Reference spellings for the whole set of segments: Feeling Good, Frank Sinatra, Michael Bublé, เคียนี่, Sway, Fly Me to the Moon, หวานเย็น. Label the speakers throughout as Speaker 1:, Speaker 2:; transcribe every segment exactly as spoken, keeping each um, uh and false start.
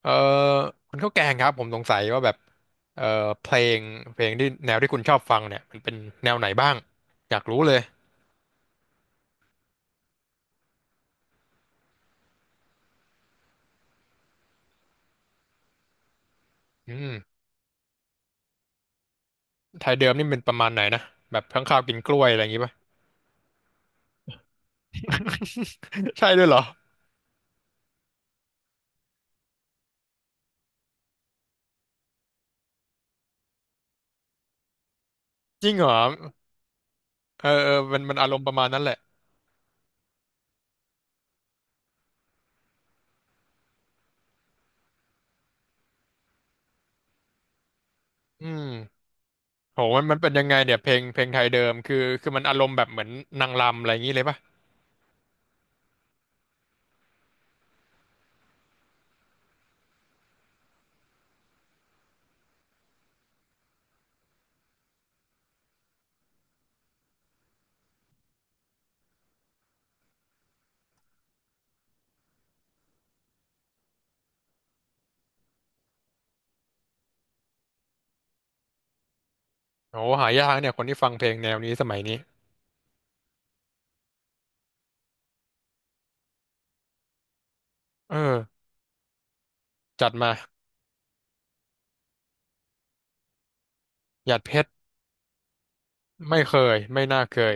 Speaker 1: เออคุณข้าวแกงครับผมสงสัยว่าแบบเออเพลงเพลงที่แนวที่คุณชอบฟังเนี่ยมันเป็นแนวไหนบ้างอยากรู้เลยอืมไทยเดิมนี่เป็นประมาณไหนนะแบบข้างข้าวกินกล้วยอะไรอย่างงี้ป่ะ ใช่ด้วยเหรอจริงเหรอเออเออมันมันอารมณ์ประมาณนั้นแหละอืมโหมันมันเป็นยังไงเนี่ยเพลงเพลงไทยเดิมคือคือมันอารมณ์แบบเหมือนนางรำอะไรอย่างงี้เลยป่ะโหหายากเนี่ยคนที่ฟังเพลงแนวนี้สมัยนี้เออจัดมาหยาดเพชรไม่เคยไม่น่าเคย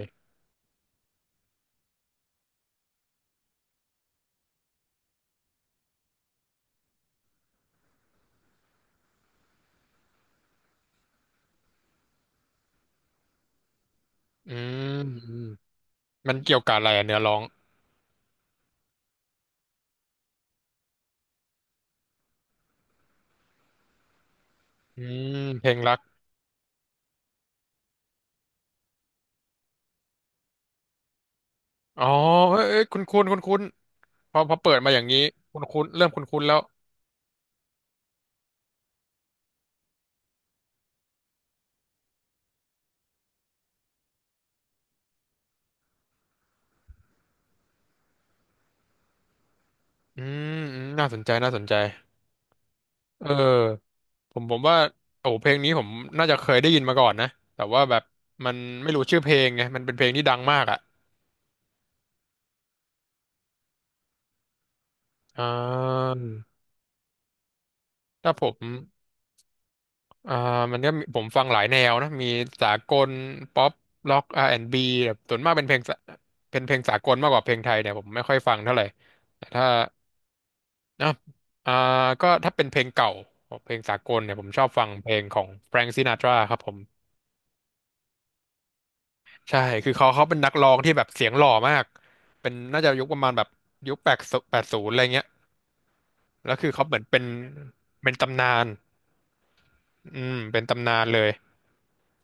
Speaker 1: อืม มันเกี่ยวกับอะไรอะเนื้อร้องอืมเพลงรักอ๋อเอ้ยเอ้ยคุณคุณคุณคุณพอพอเปิดมาอย่างนี้คุณคุณเริ่มคุณคุณแล้วอืมอืมน่าสนใจน่าสนใจเออผมผมว่าโอ้เพลงนี้ผมน่าจะเคยได้ยินมาก่อนนะแต่ว่าแบบมันไม่รู้ชื่อเพลงไงมันเป็นเพลงที่ดังมากอ่ะอ่าถ้าผมอ่ามันก็มีผมฟังหลายแนวนะมีสากลป๊อปร็อก อาร์ แอนด์ บี แอนด์บแบบส่วนมากเป็นเพลงสาเป็นเพลงสากลมากกว่าเพลงไทยเนี่ยผมไม่ค่อยฟังเท่าไหร่แต่ถ้า เนาะอ่าก็ถ้าเป็นเพลงเก่าเพลงสากลเนี่ยผมชอบฟังเพลงของแฟรง k ซินาตราครับผมใช่คือเขาเขาเป็นนักร้องที่แบบเสียงหล่อมากเป็นน่าจะยุคประมาณแบบยุคแปดแปดศูนย์อะไรเงี้ยแล้วคือเขาเหมือนเป็นเป็นตำนานอืมเป็นตำนานเลย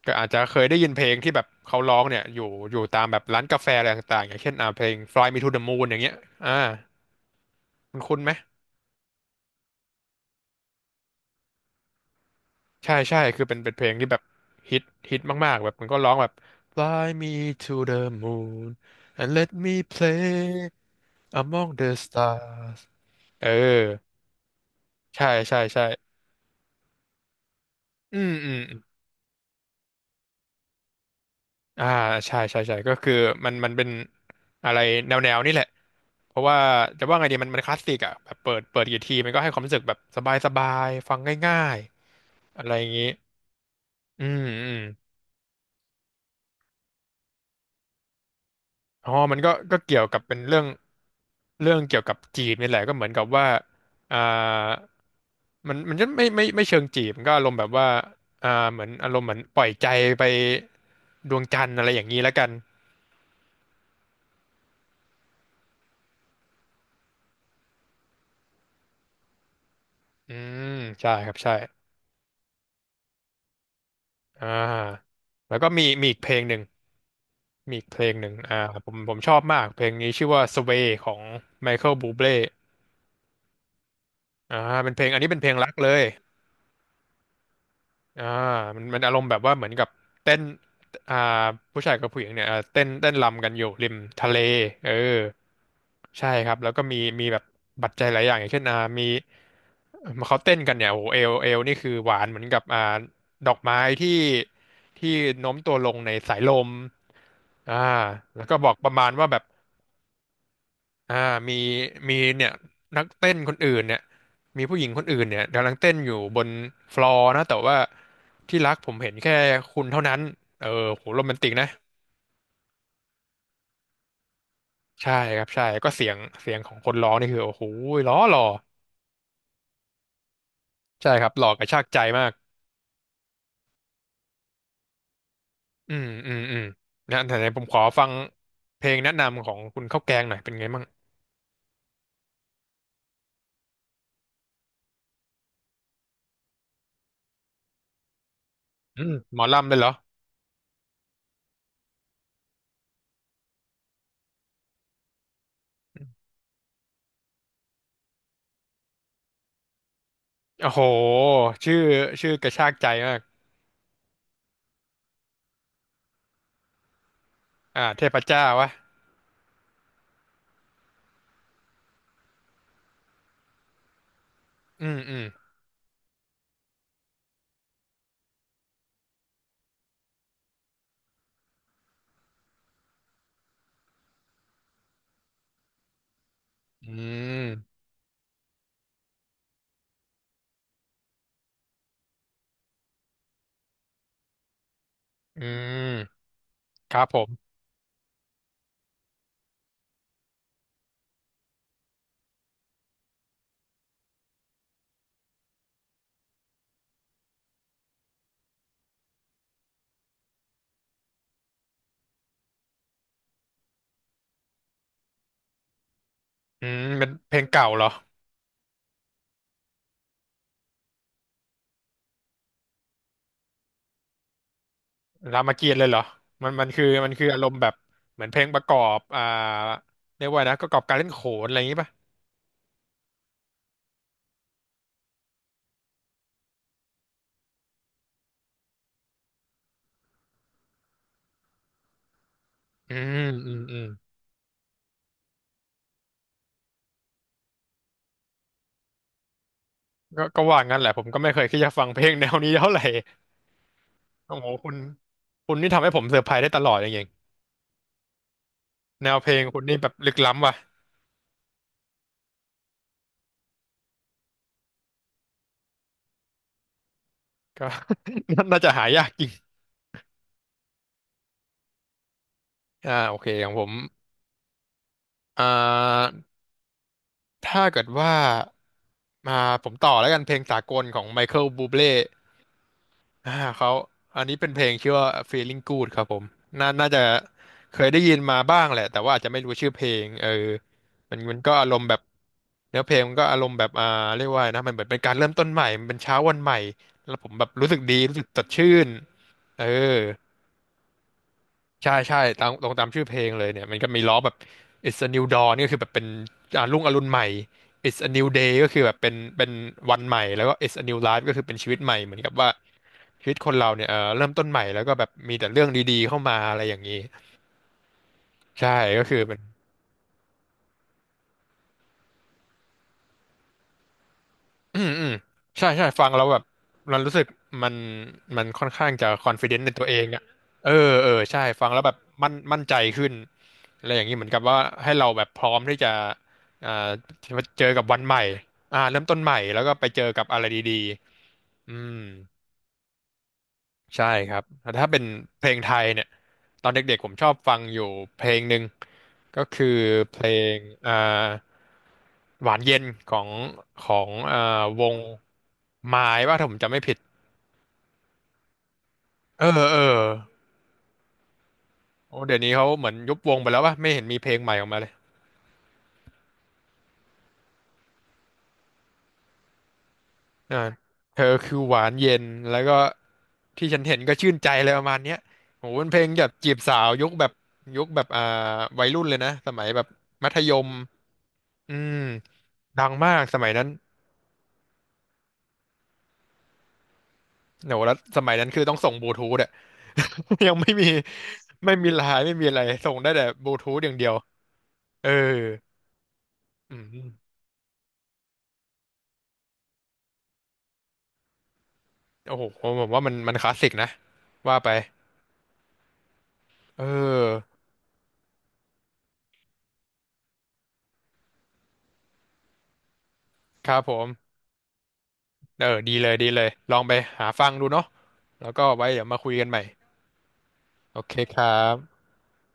Speaker 1: ก็อาจจะเคยได้ยินเพลงที่แบบเขาร้องเนี่ยอยู่อยู่ตามแบบร้านกาแฟอะไรต่างๆอย่างเช่นอ่าเพลง Fly Me to the Moon อย่างเงี้ยอ่าคุณคุ้นไหม ใช่ใช่คือเป็นเป็นเพลงที่แบบฮิตฮิตมากๆแบบมันก็ร้องแบบ Fly me to the moon and let me play among the stars เออใช่ใช่ใช่อืมอืมอมอ่าใช่ใช่ใช่ก็คือมันมันเป็นอะไรแนวแนวนี่แหละเพราะว่าจะว่าไงดีมันมันคลาสสิกอ่ะแบบเปิดเปิดกี่ทีมันก็ให้ความรู้สึกแบบสบายสบายฟังง่ายๆอะไรอย่างนี้อืมอืมอ๋อมันก็ก็เกี่ยวกับเป็นเรื่อง เรื่องเกี่ยวกับจีบนี่แหละก็เหมือนกับว่าอ่ามันมันจะไม่ไม่ไม่เชิงจีบมันก็อารมณ์แบบว่าอ่าเหมือนอารมณ์เหมือนปล่อยใจไปดวงจันทร์อะไรอย่างนี้แล้วกัน อืม ใช่ครับ ใช่อ่าแล้วก็มีมีอีกเพลงหนึ่งมีอีกเพลงหนึ่งอ่าผมผมชอบมากเพลงนี้ชื่อว่า Sway ของไมเคิลบูเบ é อ่าเป็นเพลงอันนี้เป็นเพลงรักเลยอ่ามันมันอารมณ์แบบว่าเหมือนกับเต้นอ่าผู้ชายกับผู้หญิงเนี่ยอ่าเต้นเต้นรำกันอยู่ริมทะเลเออ ใช่ครับแล้วก็มีมีแบบปัจจัยหลายอย่างอย่างเช่นอ่ามีเขาเต้นกันเนี่ยโอ้โหเอลเอลนี่คือหวานเหมือนกับอ่าดอกไม้ที่ที่โน้มตัวลงในสายลมอ่าแล้วก็บอกประมาณว่าแบบอ่ามีมีเนี่ยนักเต้นคนอื่นเนี่ยมีผู้หญิงคนอื่นเนี่ยกำลังเต้นอยู่บนฟลอร์นะแต่ว่าที่รักผมเห็นแค่คุณเท่านั้นเออโหโรแมนติกนะใช่ครับใช่ก็เสียงเสียงของคนร้องนี่คือโอ้โหล้อหล่อใช่ครับหล่อกระชากใจมาก อืมอืมอืมนะแต่ไหนผมขอฟังเพลงแนะนำของคุณข้าวแกงหน่อยเป็นไงบ้างอืมหมอลำเลยเหรอโอ้โหชื่อชื่อกระชากใจมากอ่าเทพเจ้าวะอืมอืมอืมอืมครับผมอืมเป็นเพลงเก่าเหรอรามเกียรติ์เลยเหรอมันมันคือมันคืออารมณ์แบบเหมือนเพลงประกอบอ่าเรียกว่านะประกอบการเล่นโขนอะไรอย่างงี้ป่ะอืมอืมอืมก็ก็ว่างั้นแหละผมก็ไม่เคยคิดจะฟังเพลงแนวนี้เท่าไหร่ โอ้โหคุณคุณนี่ทำให้ผมเซอร์ไพรส์ได้ตลอดอย่างเงี้ยแนวเพลงคุณนี่แบบลึกล้ำว่ะก็ น่าจะหายากจริงอ่าโอเคของผมอ่าถ้าเกิดว่ามาผมต่อแล้วกันเพลงสากลของไมเคิลบูเบ é อ่าเขาอันนี้เป็นเพลงชื่อว่า Feeling Good ครับผมน่าน่าจะเคยได้ยินมาบ้างแหละแต่ว่าอาจจะไม่รู้ชื่อเพลงเออมันมันก็อารมณ์แบบเนื้อเพลงมันก็อารมณ์แบบอ่าเรียกว่าไงนะมันเหมือนเป็นการเริ่มต้นใหม่มันเป็นเช้าวันใหม่แล้วผมแบบรู้สึกดีรู้สึกสดชื่นเออ ใช่ใช่ตามตรงตามชื่อเพลงเลยเนี่ยมันก็มีล้อแบบ It's a new dawn ก็คือแบบเป็นอ่ารุ่งอรุณใหม่ It's a new day ก็คือแบบเป็นเป็นวันใหม่แล้วก็ It's a new life ก็คือเป็นชีวิตใหม่เหมือนกับว่าชีวิตคนเราเนี่ยเออเริ่มต้นใหม่แล้วก็แบบมีแต่เรื่องดีๆเข้ามาอะไรอย่างนี้ใช่ก็คือเป็น อืมอืมใช่ใช่ฟังแล้วแบบมันรู้สึกมันมันค่อนข้างจะคอนฟ idence ในตัวเองอ่ะเออเออใช่ฟังแล้วแบบมั่นมั่นใจขึ้นอะไรอย่างนี้เหมือนกับว่าให้เราแบบพร้อมที่จะอ่าเจอกับวันใหม่อ่าเริ่มต้นใหม่แล้วก็ไปเจอกับอะไรดีๆอืม ใช่ครับ แต่ถ้าเป็นเพลงไทยเนี่ย ตอนเด็กๆผมชอบฟังอยู่เพลงหนึ่งก็คือเพลงอ่าหวานเย็นของของอ่าวงไม้ว่าถ้าผมจำไม่ผิดเออเออโอ้เดี๋ยวนี้เขาเหมือนยุบวงไปแล้วว่าไม่เห็นมีเพลงใหม่ออกมาเลยอ่าเธอคือหวานเย็น แล้วก็ที่ฉันเห็นก็ชื่นใจเลยประมาณเนี้ยโหเป็นเพลงแบบจีบสาวยุคแบบยุคแบบอ่าวัยรุ่นเลยนะสมัยแบบมัธยม อืมดังมากสมัยนั้นโหแล้วสมัยนั้นคือต้องส่งบลูทูธอะ ยังไม่มีไม่มีไลน์ไม่มีอะไรส่งได้แต่บลูทูธอย่างเดียวเอออืมโอ้โหผมว่ามันมันคลาสสิกนะว่าไปเออครับผมเออดีเลยดีเลยลองไปหาฟังดูเนาะแล้วก็ไว้เดี๋ยวมาคุยกันใหม่โอเคครับ